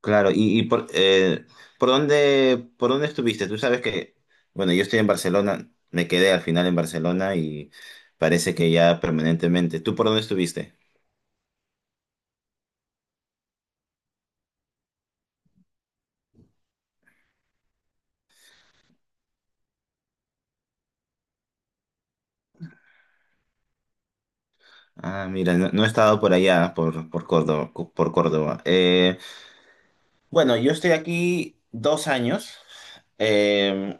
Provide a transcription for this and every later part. Claro, por dónde estuviste? Tú sabes que, bueno, yo estoy en Barcelona, me quedé al final en Barcelona y parece que ya permanentemente. ¿Tú por dónde estuviste? Ah, mira, no, no he estado por allá, por Córdoba. Por Córdoba. Bueno, yo estoy aquí 2 años. Eh,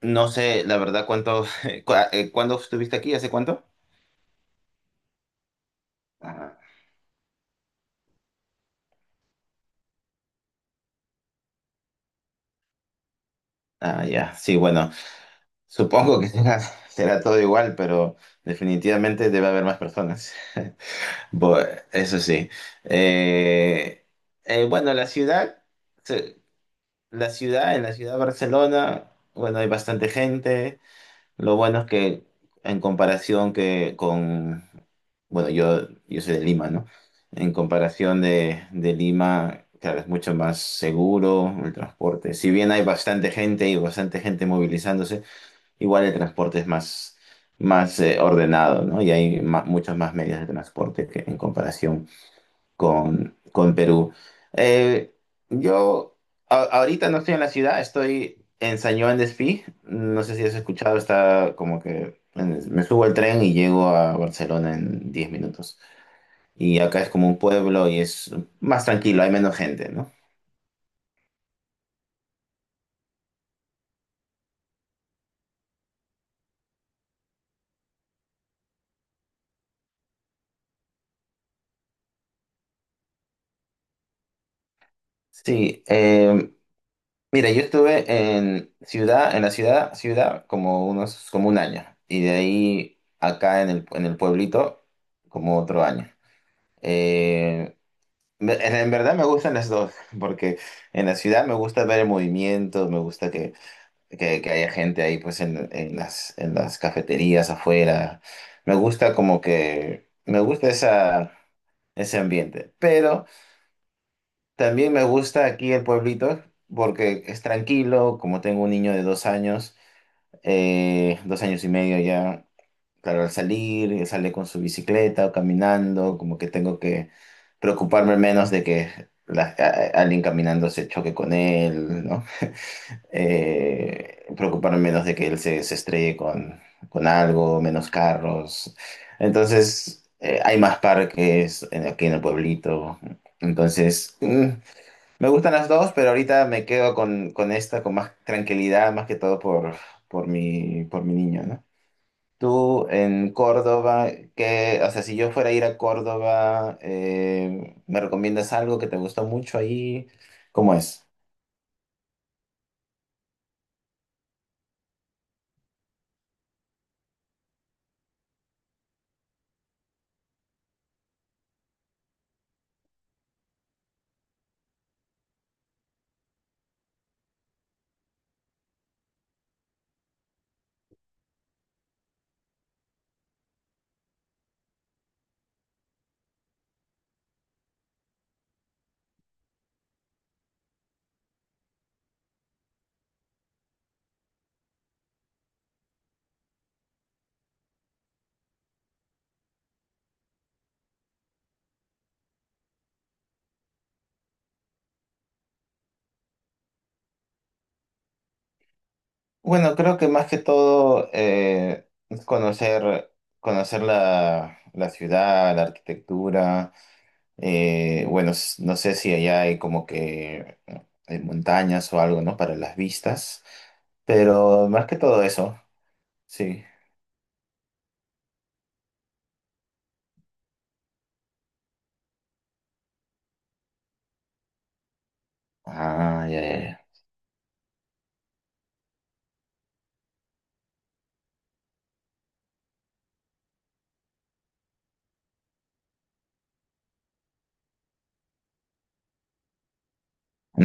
no sé, la verdad, cuánto, ¿cuándo estuviste aquí? ¿Hace cuánto? Ah, ah, ya, sí, bueno. Supongo que será, será todo igual, pero definitivamente debe haber más personas. Bu- Eso sí. Eh, bueno, se- la ciudad, en la ciudad de Barcelona, bueno, hay bastante gente. Lo bueno es que en comparación que con, bueno, yo soy de Lima, ¿no? En comparación de Lima, claro, es mucho más seguro el transporte. Si bien hay bastante gente y bastante gente movilizándose. Igual el transporte es más ordenado, ¿no? Y hay muchas más medidas de transporte que en comparación con Perú. Eh, yo Ahorita no estoy en la ciudad, estoy en San Juan de. No sé si has escuchado, está como que en- me subo al tren y llego a Barcelona en 10 minutos. Y acá es como un pueblo y es más tranquilo, hay menos gente, ¿no? Sí, eh, Mira, yo estuve en la ciudad, ciudad como unos, como un año, y de ahí acá en el pueblito como otro año. Eh, en verdad me gustan las dos, porque en la ciudad me gusta ver el movimiento, me gusta que haya gente ahí pues en las cafeterías afuera. Me gusta como que, me gusta esa, ese ambiente, pero. También me gusta aquí el pueblito porque es tranquilo, como tengo un niño de 2 años, 2 años y medio ya, claro, al salir, él sale con su bicicleta o caminando, como que tengo que preocuparme menos de que alguien caminando se choque con él, ¿no? Preocuparme menos de que él se estrelle con algo, menos carros. Entonces, hay más parques aquí en el pueblito. Entonces me gustan las dos, pero ahorita me quedo con esta con más tranquilidad, más que todo por mi niño, ¿no? Tú en Córdoba, que, o sea, si yo fuera a ir a Córdoba, ¿me recomiendas algo que te gustó mucho ahí? ¿Cómo es? Bueno, creo que más que todo es conocer, conocer la ciudad, la arquitectura. Bueno, no sé si allá hay como que montañas o algo, ¿no? Para las vistas, pero más que todo eso, sí. Ah, ya, ya, ya.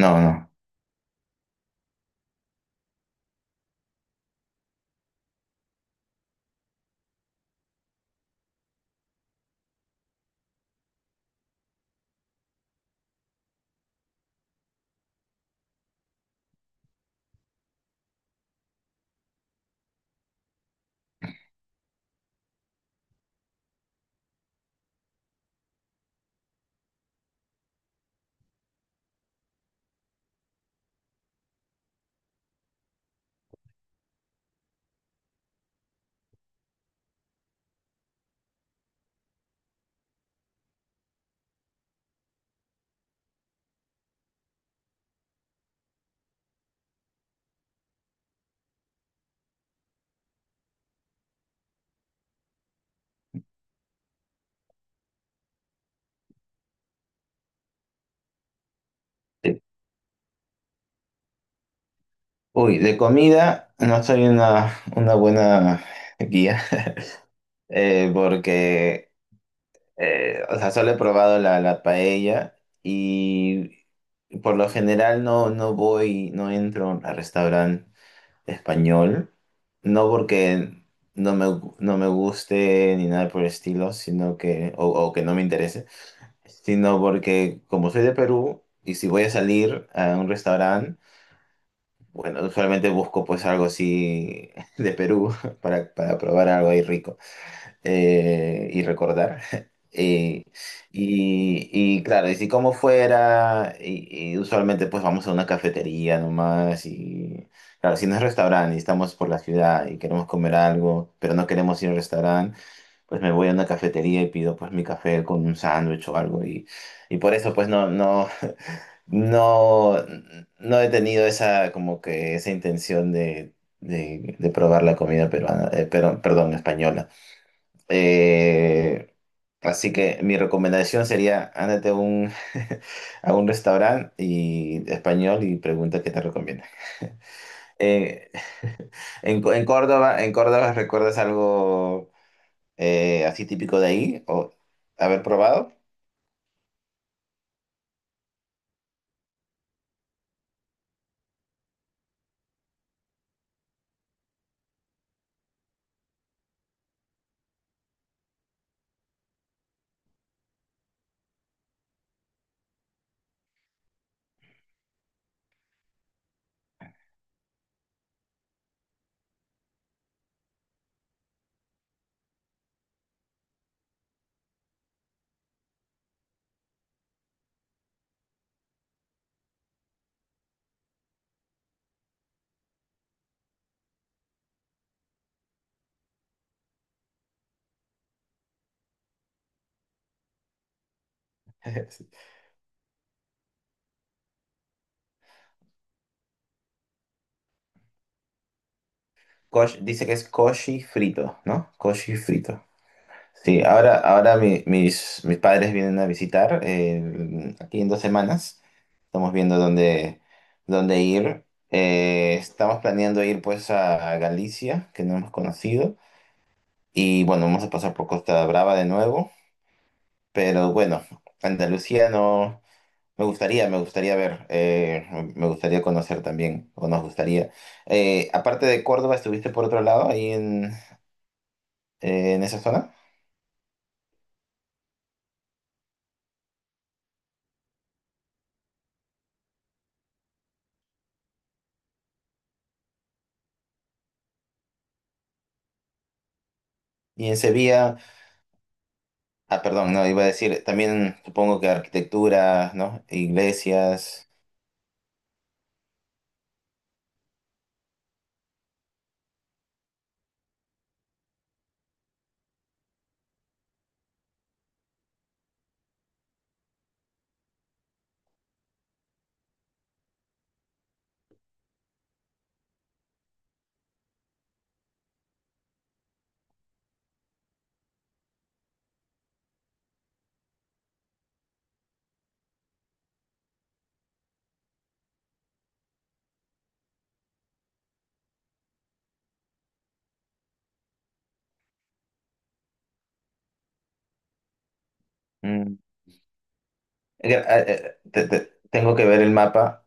No, no. De- Uy, de comida no soy una buena guía, porque o sea, solo he probado la paella y por lo general no, no voy, no entro a restaurantes español, no porque no me guste ni nada por el estilo, sino que, o que no me interese, sino porque como soy de Perú y si voy a salir a un restaurante, bueno, usualmente busco pues algo así de Perú para probar algo ahí rico, y recordar. Y, y claro, y si como fuera, y usualmente pues vamos a una cafetería nomás, y claro, si no es restaurante y estamos por la ciudad y queremos comer algo, pero no queremos ir al restaurante, pues me voy a una cafetería y pido pues mi café con un sándwich o algo, y por eso pues no, no he tenido esa como que esa intención de probar la comida peruana, pero, perdón, española. Eh, Así que mi recomendación sería, ándate a un, a un restaurante y, español y pregunta qué te recomienda. Eh, en Córdoba, en Córdoba, ¿recuerdas algo así típico de ahí o haber probado? Dice que es coshi frito, ¿no? Coshi frito. Sí, ahora, mis padres vienen a visitar aquí en 2 semanas. Estamos viendo dónde ir. Estamos planeando ir pues a Galicia, que no hemos conocido. Y bueno, vamos a pasar por Costa Brava de nuevo. Pero bueno, Andalucía no. Me gustaría ver, me gustaría conocer también, o nos gustaría. Aparte de Córdoba, ¿estuviste por otro lado ahí en esa zona? ¿Y en Sevilla? Ah, perdón, no, iba a decir, también supongo que arquitectura, ¿no? Iglesias. mm. Te- te- Tengo que ver el mapa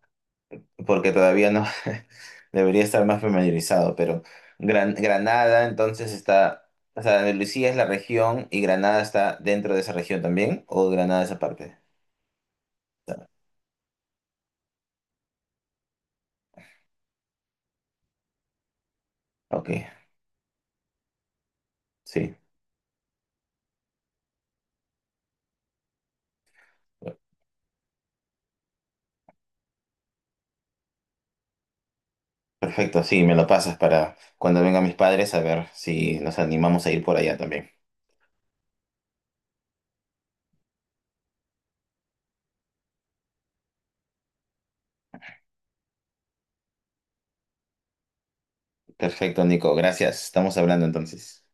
porque todavía no debería estar más familiarizado, pero Granada entonces está, o sea, Andalucía es la región y Granada está dentro de esa región también, o Granada es aparte. Ok, sí. Perfecto, sí, me lo pasas para cuando vengan mis padres a ver si nos animamos a ir por allá también. Perfecto, Nico, gracias. Estamos hablando entonces.